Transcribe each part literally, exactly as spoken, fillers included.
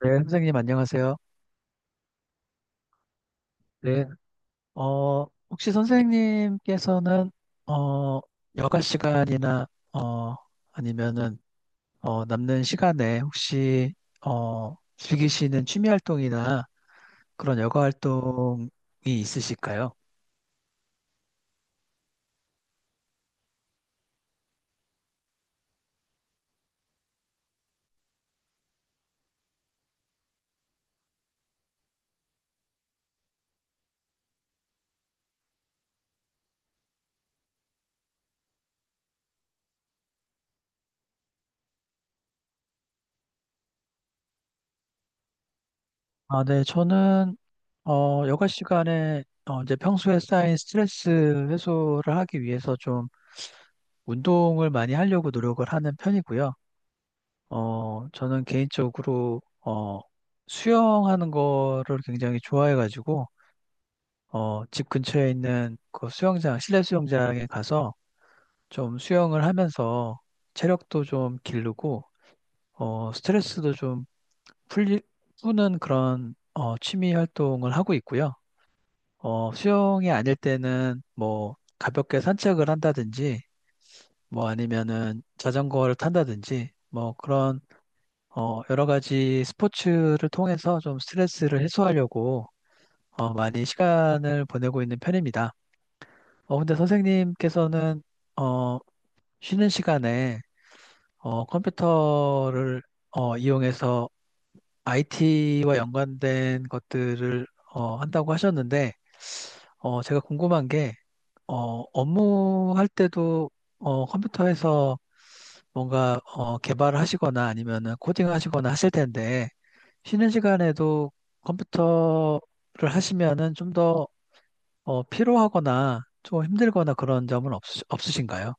네, 선생님 안녕하세요. 네. 어, 혹시 선생님께서는 어, 여가 시간이나 어, 아니면은 어, 남는 시간에 혹시 어, 즐기시는 취미 활동이나 그런 여가 활동이 있으실까요? 아, 네, 저는 어, 여가 시간에 어, 이제 평소에 쌓인 스트레스 해소를 하기 위해서 좀 운동을 많이 하려고 노력을 하는 편이고요. 어, 저는 개인적으로, 어, 수영하는 거를 굉장히 좋아해가지고, 어, 집 근처에 있는 그 수영장, 실내 수영장에 가서 좀 수영을 하면서 체력도 좀 기르고, 어, 스트레스도 좀 풀리, 푸는 그런, 어, 취미 활동을 하고 있고요. 어, 수영이 아닐 때는 뭐, 가볍게 산책을 한다든지, 뭐 아니면은 자전거를 탄다든지, 뭐 그런 어, 여러 가지 스포츠를 통해서 좀 스트레스를 해소하려고 어, 많이 시간을 보내고 있는 편입니다. 어, 근데 선생님께서는 어, 쉬는 시간에 어, 컴퓨터를 어, 이용해서 아이티와 연관된 것들을 어, 한다고 하셨는데 어, 제가 궁금한 게 어, 업무할 때도 어, 컴퓨터에서 뭔가 어, 개발하시거나 아니면은 코딩하시거나 하실 텐데 쉬는 시간에도 컴퓨터를 하시면은 좀더 어, 피로하거나 좀 힘들거나 그런 점은 없, 없으신가요?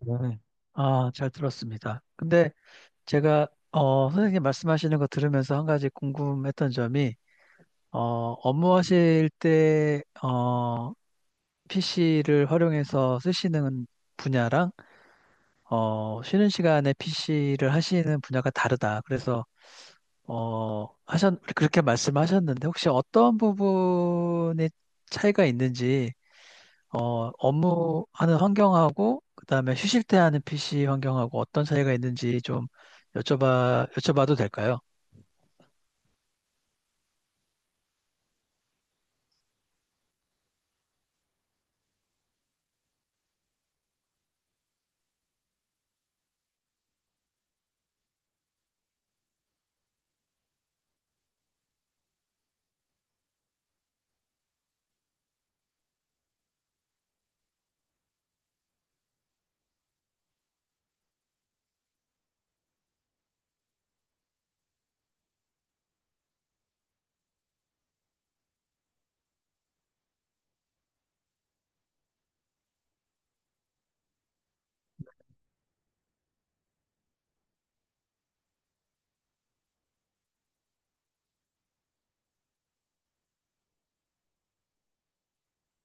네. 아, 잘 들었습니다. 근데 제가 어, 선생님 말씀하시는 거 들으면서 한 가지 궁금했던 점이 어, 업무하실 때 어, 피씨를 활용해서 쓰시는 분야랑 어, 쉬는 시간에 피씨를 하시는 분야가 다르다. 그래서, 어, 하셨, 그렇게 말씀하셨는데, 혹시 어떤 부분에 차이가 있는지, 어, 업무하는 환경하고, 그다음에 쉬실 때 하는 피씨 환경하고 어떤 차이가 있는지 좀 여쭤봐, 여쭤봐도 될까요?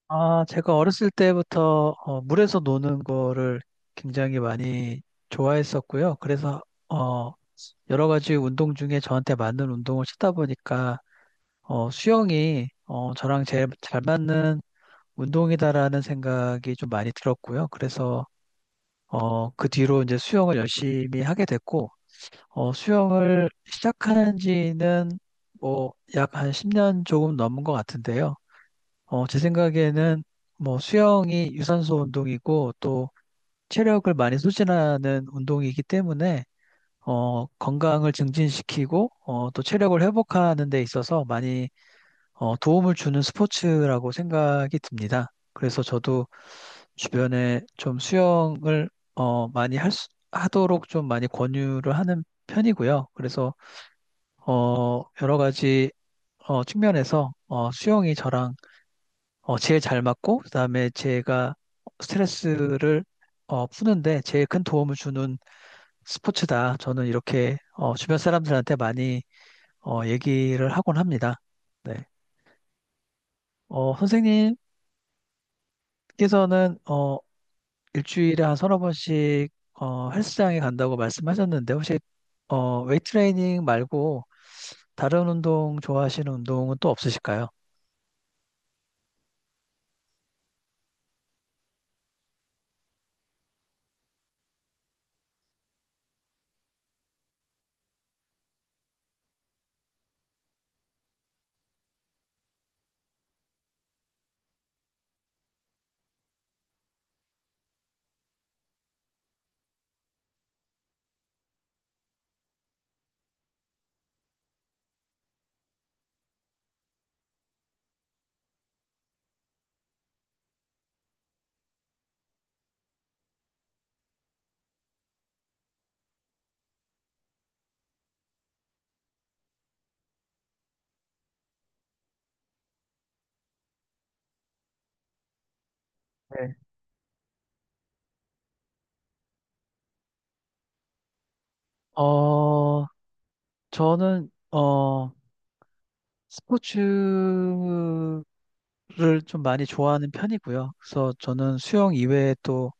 아, 제가 어렸을 때부터 어, 물에서 노는 거를 굉장히 많이 좋아했었고요. 그래서, 어, 여러 가지 운동 중에 저한테 맞는 운동을 찾다 보니까 어, 수영이 어, 저랑 제일 잘 맞는 운동이다라는 생각이 좀 많이 들었고요. 그래서 어, 그 뒤로 이제 수영을 열심히 하게 됐고, 어, 수영을 시작한 지는 뭐 약 한 십 년 조금 넘은 것 같은데요. 어, 제 생각에는 뭐 수영이 유산소 운동이고 또 체력을 많이 소진하는 운동이기 때문에 어, 건강을 증진시키고 어, 또 체력을 회복하는 데 있어서 많이 어, 도움을 주는 스포츠라고 생각이 듭니다. 그래서 저도 주변에 좀 수영을 어, 많이 할 수- 하도록 좀 많이 권유를 하는 편이고요. 그래서 어, 여러 가지 어, 측면에서 어, 수영이 저랑 어, 제일 잘 맞고 그다음에 제가 스트레스를 어, 푸는데 제일 큰 도움을 주는 스포츠다. 저는 이렇게 어, 주변 사람들한테 많이 어, 얘기를 하곤 합니다. 네. 어, 선생님 께서는 어 일주일에 한 서너 번씩 어 헬스장에 간다고 말씀하셨는데 혹시 어 웨이트 트레이닝 말고 다른 운동 좋아하시는 운동은 또 없으실까요? 네. 어 저는 어 스포츠를 좀 많이 좋아하는 편이고요. 그래서 저는 수영 이외에 또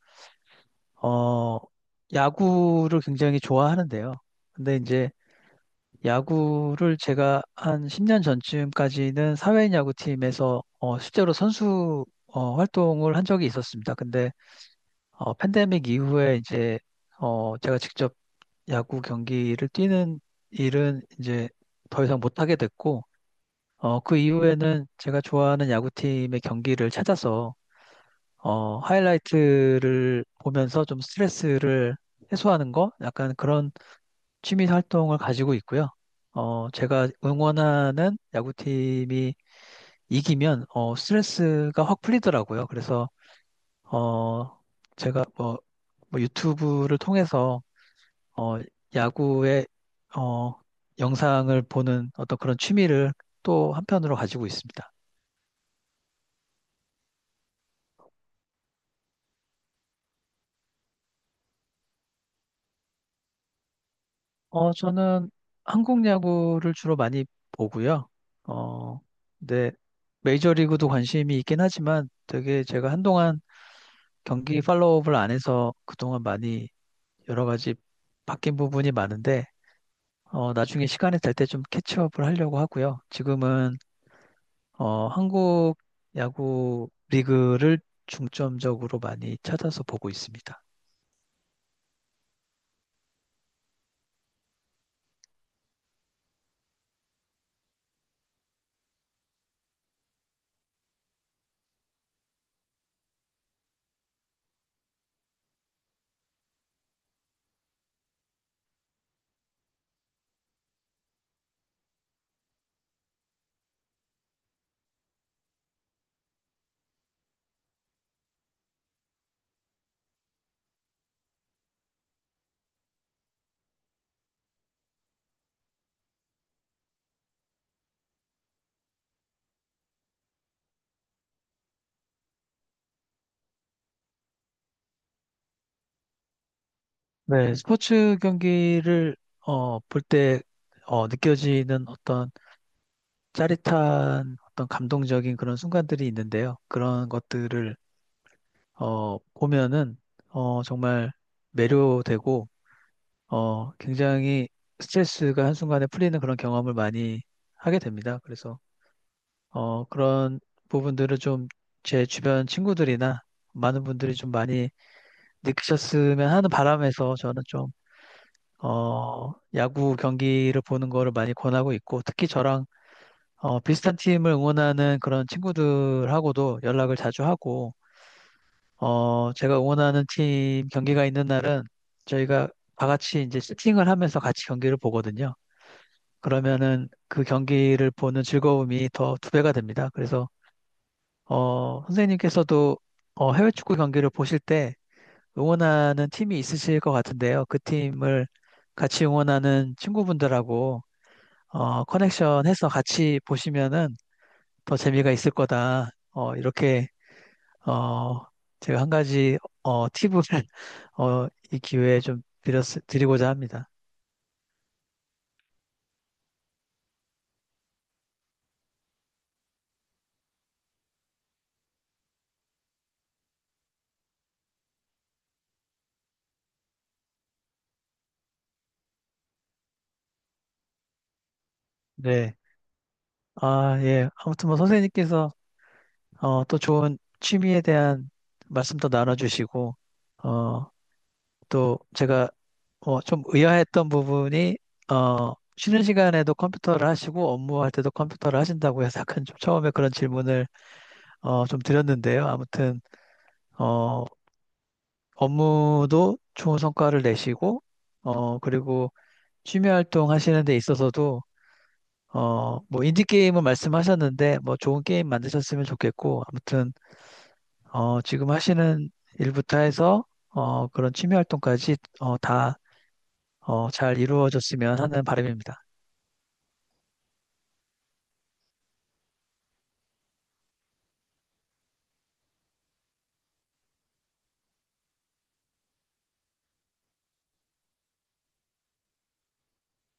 어 야구를 굉장히 좋아하는데요. 근데 이제 야구를 제가 한 십 년 전쯤까지는 사회인 야구팀에서 어, 실제로 선수 어, 활동을 한 적이 있었습니다. 근데 어, 팬데믹 이후에 이제 어, 제가 직접 야구 경기를 뛰는 일은 이제 더 이상 못하게 됐고 어, 그 이후에는 제가 좋아하는 야구팀의 경기를 찾아서 어, 하이라이트를 보면서 좀 스트레스를 해소하는 거 약간 그런 취미 활동을 가지고 있고요. 어, 제가 응원하는 야구팀이 이기면 어, 스트레스가 확 풀리더라고요. 그래서 어, 제가 뭐, 뭐 유튜브를 통해서 어, 야구의 어, 영상을 보는 어떤 그런 취미를 또 한편으로 가지고 있습니다. 어, 저는 한국 야구를 주로 많이 보고요. 어, 네, 메이저리그도 관심이 있긴 하지만 되게 제가 한동안 경기 팔로우업을 안 해서 그동안 많이 여러 가지 바뀐 부분이 많은데 어, 나중에 시간이 될 때 좀 캐치업을 하려고 하고요. 지금은 어, 한국 야구 리그를 중점적으로 많이 찾아서 보고 있습니다. 네, 스포츠 경기를 어, 볼 때 어, 느껴지는 어떤 짜릿한 어떤 감동적인 그런 순간들이 있는데요. 그런 것들을 어, 보면은 어, 정말 매료되고 어, 굉장히 스트레스가 한순간에 풀리는 그런 경험을 많이 하게 됩니다. 그래서, 어, 그런 부분들을 좀 제 주변 친구들이나 많은 분들이 좀 많이 느끼셨으면 하는 바람에서 저는 좀, 어, 야구 경기를 보는 거를 많이 권하고 있고, 특히 저랑, 어, 비슷한 팀을 응원하는 그런 친구들하고도 연락을 자주 하고, 어, 제가 응원하는 팀 경기가 있는 날은 저희가 다 같이 이제 세팅을 하면서 같이 경기를 보거든요. 그러면은 그 경기를 보는 즐거움이 더 두 배가 됩니다. 그래서 어, 선생님께서도 어, 해외 축구 경기를 보실 때 응원하는 팀이 있으실 것 같은데요. 그 팀을 같이 응원하는 친구분들하고 어, 커넥션 해서 같이 보시면은 더 재미가 있을 거다. 어, 이렇게 어, 제가 한 가지, 어, 팁을, 어, 이 기회에 좀 드렸, 드리고자 합니다. 네. 아, 예. 아무튼 뭐 선생님께서, 어, 또 좋은 취미에 대한 말씀도 나눠주시고, 어, 또 제가 어, 좀 의아했던 부분이 어, 쉬는 시간에도 컴퓨터를 하시고 업무할 때도 컴퓨터를 하신다고 해서 약간 좀 처음에 그런 질문을 어, 좀 드렸는데요. 아무튼 어, 업무도 좋은 성과를 내시고 어, 그리고 취미 활동 하시는 데 있어서도 어, 뭐 인디 게임은 말씀하셨는데 뭐 좋은 게임 만드셨으면 좋겠고 아무튼 어, 지금 하시는 일부터 해서 어, 그런 취미 활동까지 어, 다 어, 잘 이루어졌으면 하는 바람입니다.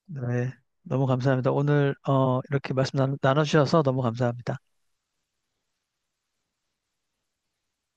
네, 너무 감사합니다. 오늘 어, 이렇게 말씀 나 나눠주셔서 너무 감사합니다.